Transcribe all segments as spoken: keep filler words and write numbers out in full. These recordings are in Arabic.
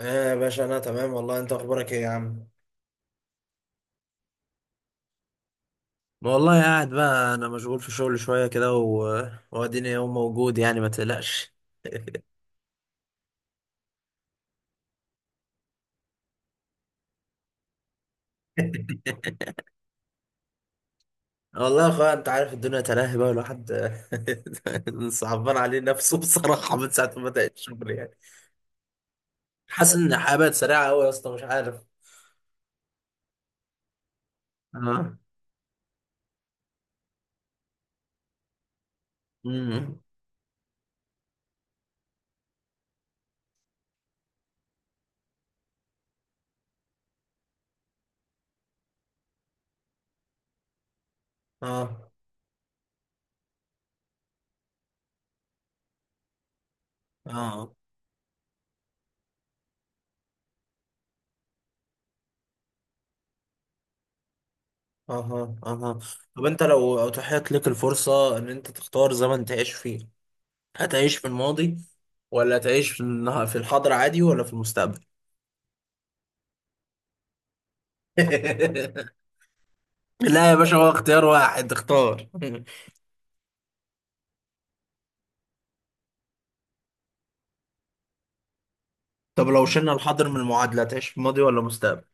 ايه يا باشا، انا تمام والله. انت اخبارك ايه يا عم؟ والله قاعد بقى، انا مشغول في شغل شويه كده، و- واديني يوم موجود، يعني ما تقلقش. والله يا اخويا، انت عارف الدنيا تلاهي بقى الواحد. صعبان عليه نفسه بصراحه، من ساعه ما بدات الشغل يعني. حاسس ان الحياه بقت سريعه قوي يا اسطى، مش عارف. اه. امم. اه. اه. اها، اها. طب انت لو اتاحت لك الفرصه ان انت تختار زمن تعيش فيه، هتعيش في الماضي ولا هتعيش في النها- في الحاضر عادي، ولا في المستقبل؟ لا يا باشا، هو اختيار واحد اختار. طب لو شلنا الحاضر من المعادلة، هتعيش في الماضي ولا المستقبل؟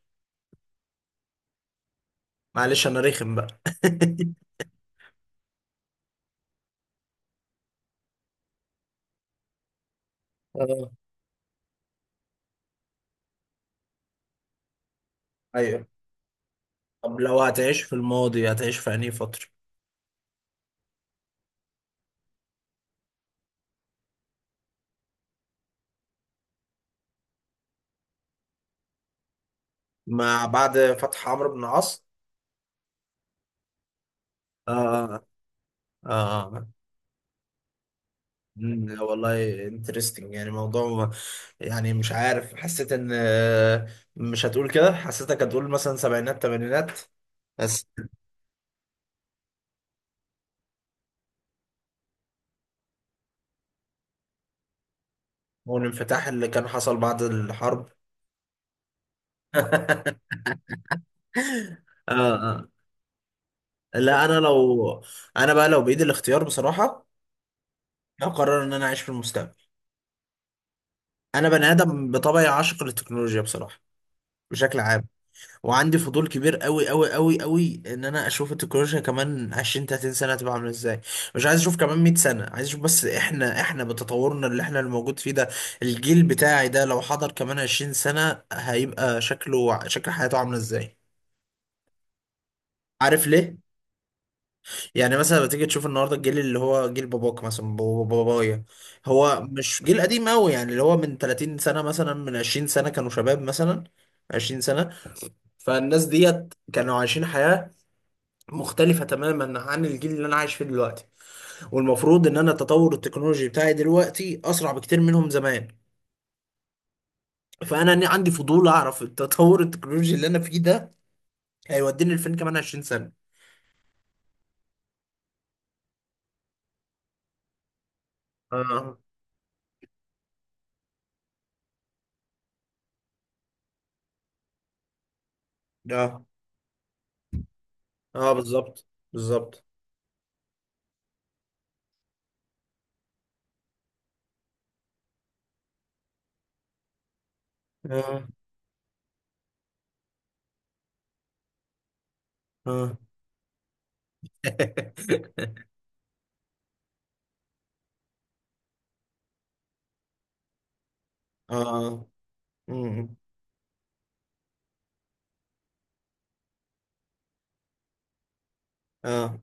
معلش انا رخم بقى. اه. ايوه. طب لو هتعيش في الماضي، هتعيش في انهي فترة؟ مع بعد فتح عمرو بن العاص. اه. اه. مم، والله انترستنج. يعني موضوع ما- يعني مش عارف، حسيت ان آه، مش هتقول كده، حسيتك هتقول مثلا سبعينات تمانينات. بس. والانفتاح اللي كان حصل بعد الحرب. اه. اه. لا انا آه. لو انا بقى، لو بايدي الاختيار بصراحه، هقرر ان انا اعيش في المستقبل. انا بني ادم بطبعي، عاشق للتكنولوجيا بصراحه، بشكل عام. وعندي فضول كبير قوي قوي قوي قوي ان انا اشوف التكنولوجيا كمان عشرين، تلاتين سنه هتبقى عامله ازاي. مش عايز اشوف كمان مية سنه، عايز اشوف بس احنا احنا بتطورنا اللي احنا الموجود فيه ده، الجيل بتاعي ده، لو حضر كمان عشرين سنه هيبقى شكله، شكل حياته، عامله ازاي. عارف ليه؟ يعني مثلا بتيجي تشوف النهارده الجيل اللي هو جيل باباك مثلا، بابا- بابايا. هو مش جيل قديم قوي، يعني اللي هو من ثلاثين سنه، مثلا من عشرين سنه كانوا شباب، مثلا عشرين سنه. فالناس ديت كانوا عايشين حياه مختلفه تماما عن الجيل اللي انا عايش فيه دلوقتي. والمفروض ان انا التطور التكنولوجي بتاعي دلوقتي اسرع بكتير منهم زمان. فانا ن- عندي فضول اعرف التطور التكنولوجي اللي انا فيه ده هيوديني لفين كمان عشرين سنه. اه. اه. اه بالظبط. بالظبط. اه. اه. اه. امم. اه.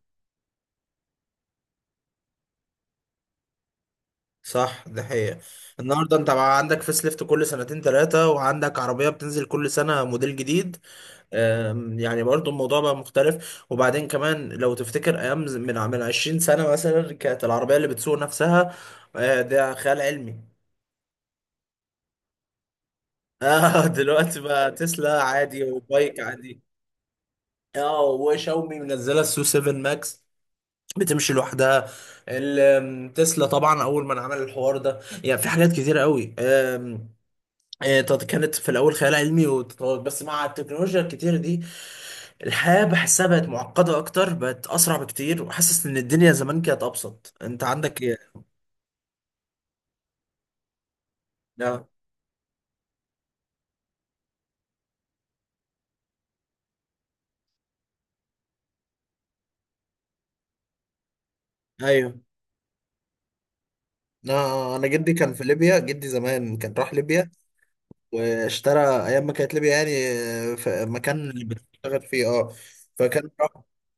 صح، ده حقيقة. النهارده انت بقى عندك فيس ليفت كل سنتين ثلاثة، وعندك عربية بتنزل كل سنة موديل جديد. آم، يعني برضو الموضوع بقى مختلف. وبعدين كمان لو تفتكر ايام ز- من ع- من عشرين سنة مثلا، كانت العربية اللي بتسوق نفسها. آه، ده خيال علمي. اه. دلوقتي بقى تسلا عادي وبايك عادي. اه، وشاومي منزلة السو سفن ماكس بتمشي لوحدها. ال- تسلا طبعا اول ما عمل الحوار ده، يعني في حاجات كتيره قوي. أم، آه، طب كانت في الاول خيال علمي وتطور، بس مع التكنولوجيا الكتير دي الحياه بحسها بقت معقده اكتر، بقت اسرع بكتير. وحاسس ان الدنيا زمان كانت ابسط. انت عندك ايه؟ لا. ايوه. آه، انا جدي كان في ليبيا. جدي زمان كان راح ليبيا واشترى، ايام ما كانت ليبيا يعني آه، في المكان اللي بتشتغل فيه. اه. فكان راح.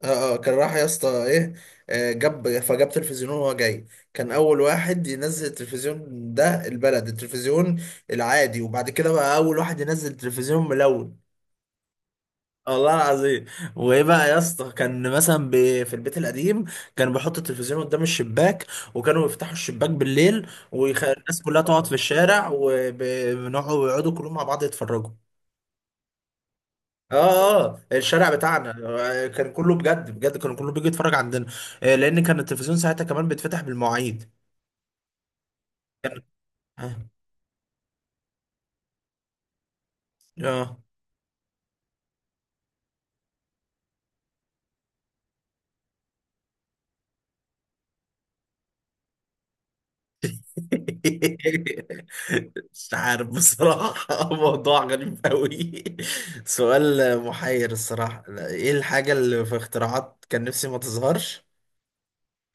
اه. اه كان راح يا اسطى، ايه، آه، جاب فجاب تلفزيون وهو جاي. كان اول واحد ينزل التلفزيون، ده البلد، التلفزيون العادي. وبعد كده بقى اول واحد ينزل تلفزيون ملون. والله العظيم. وايه بقى يا اسطى، كان مثلا ب- في البيت القديم كان بيحط التلفزيون قدام الشباك. وكانوا يفتحوا الشباك بالليل، والناس كلها تقعد في الشارع، وبنقعد، ويقعدوا كلهم مع بعض يتفرجوا. اه. اه الشارع بتاعنا آه، كان كله، بجد بجد، كان كله بيجي يتفرج عندنا. آه، لان كان التلفزيون ساعتها كمان بيتفتح بالمواعيد. اه. آه. مش عارف بصراحة. موضوع غريب قوي. سؤال محير الصراحة. لا، ايه الحاجة اللي في اختراعات كان نفسي ما تظهرش؟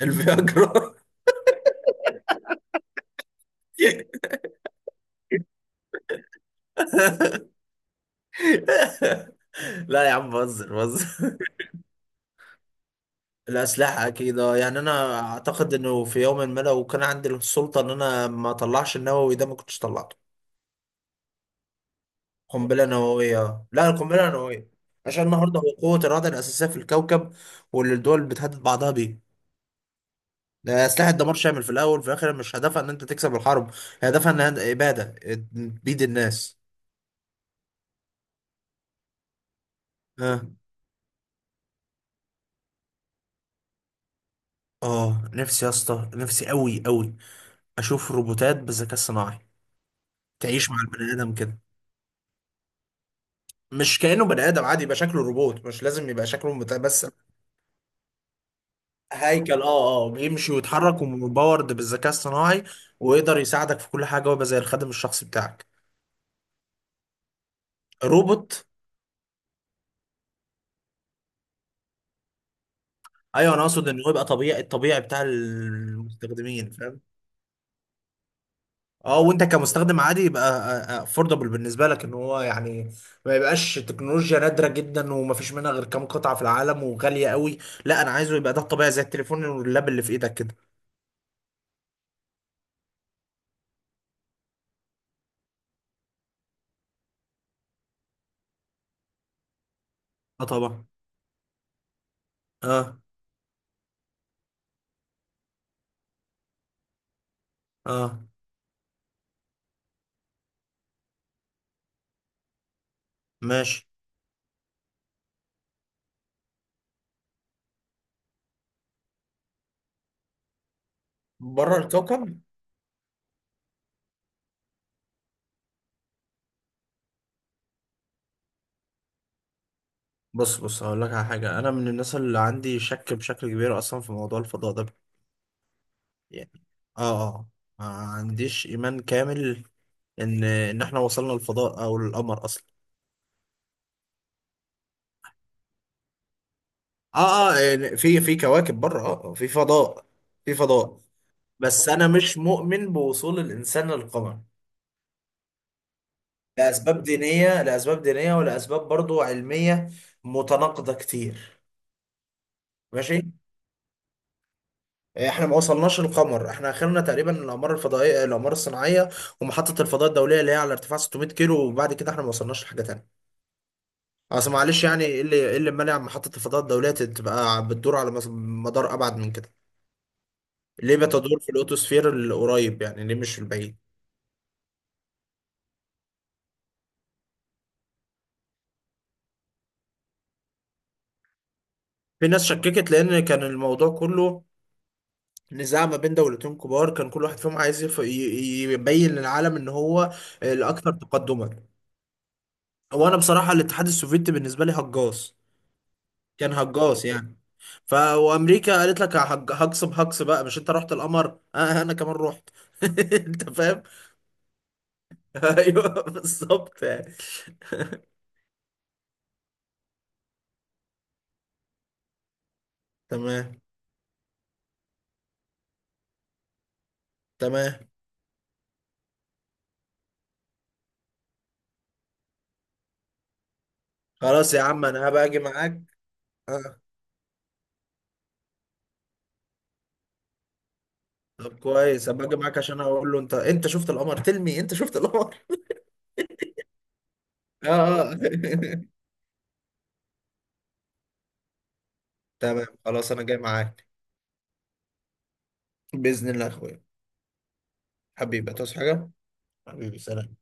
الفياجرا. لا يا عم، بهزر بهزر. الأسلحة أكيد. أه، يعني أنا أعتقد إنه في يوم ما، لو كان عندي السلطة إن أنا ما أطلعش النووي ده، ما كنتش طلعته. قنبلة نووية، لا، القنبلة النووية. عشان النهاردة هو قوة الرادع الأساسية في الكوكب، واللي الدول بتهدد بعضها بيه. ده سلاح الدمار شامل في الأول وفي الآخر. مش هدفها إن أنت تكسب الحرب، هي هدفها إن هي إبادة بيد الناس. أه. أه، نفسي يا اسطى، نفسي أوي أوي أشوف روبوتات بالذكاء الصناعي تعيش مع البني آدم كده. مش كأنه بني آدم عادي، يبقى شكله روبوت، مش لازم يبقى شكله متمثل. هيكل، اه. اه، بيمشي ويتحرك ومباورد بالذكاء الصناعي، ويقدر يساعدك في كل حاجة، ويبقى زي الخادم الشخصي بتاعك. روبوت. ايوه، انا اقصد ان هو يبقى طبيعي، الطبيعي بتاع المستخدمين، فاهم؟ اه، وانت كمستخدم عادي يبقى افوردبل بالنسبه لك، ان هو يعني ما يبقاش تكنولوجيا نادره جدا ومفيش منها غير كام قطعه في العالم وغاليه قوي. لا، انا عايزه يبقى ده الطبيعي، زي التليفون واللاب اللي في ايدك كده. اه طبعا. اه. اه ماشي. بره الكوكب. بص بص، هقول لك على حاجة. أنا من الناس اللي عندي شك بشكل كبير أصلا في موضوع الفضاء ده، يعني آه آه ما عنديش إيمان كامل إن إن إحنا وصلنا للفضاء أو للقمر أصلا. آه آه يعني في في كواكب بره، آه آه، في فضاء. في فضاء. بس أنا مش مؤمن بوصول الإنسان للقمر، لأسباب دينية، لأسباب دينية ولأسباب برضو علمية متناقضة كتير. ماشي. آه، احنا ما وصلناش للقمر. احنا اخرنا تقريبا الاقمار الفضائيه، الاقمار الصناعيه، ومحطه الفضاء الدوليه اللي هي على ارتفاع ستمية كيلو. وبعد كده احنا ما وصلناش لحاجه تانيه. اصل معلش يعني، ايه اللي ايه اللي مانع محطه الفضاء الدوليه تبقى بتدور على مس- مدار ابعد من كده؟ ليه بتدور في الاوتوسفير القريب، يعني ليه مش في البعيد؟ في ناس شككت، لان كان الموضوع كله نزاع ما بين دولتين كبار، كان كل واحد فيهم عايز يف- ي- ي- يبين للعالم ان هو الاكثر تقدما. وانا بصراحه الاتحاد السوفيتي بالنسبه لي هجاص. كان هجاص يعني. ف وامريكا قالت لك هج- هجصب هجص بقى، مش انت رحت القمر، آه آه، انا كمان رحت. انت فاهم؟ ايوه بالظبط يعني. تمام تمام. خلاص يا عم، انا هبقى اجي معاك. آه. طب كويس، هبقى اجي معاك عشان اقول له، انت انت شفت القمر؟ تلمي، انت شفت القمر؟ اه. آه. تمام خلاص، انا جاي معاك. باذن الله يا اخويا. حبيبي، تصحى حاجه. حبيبي سلام.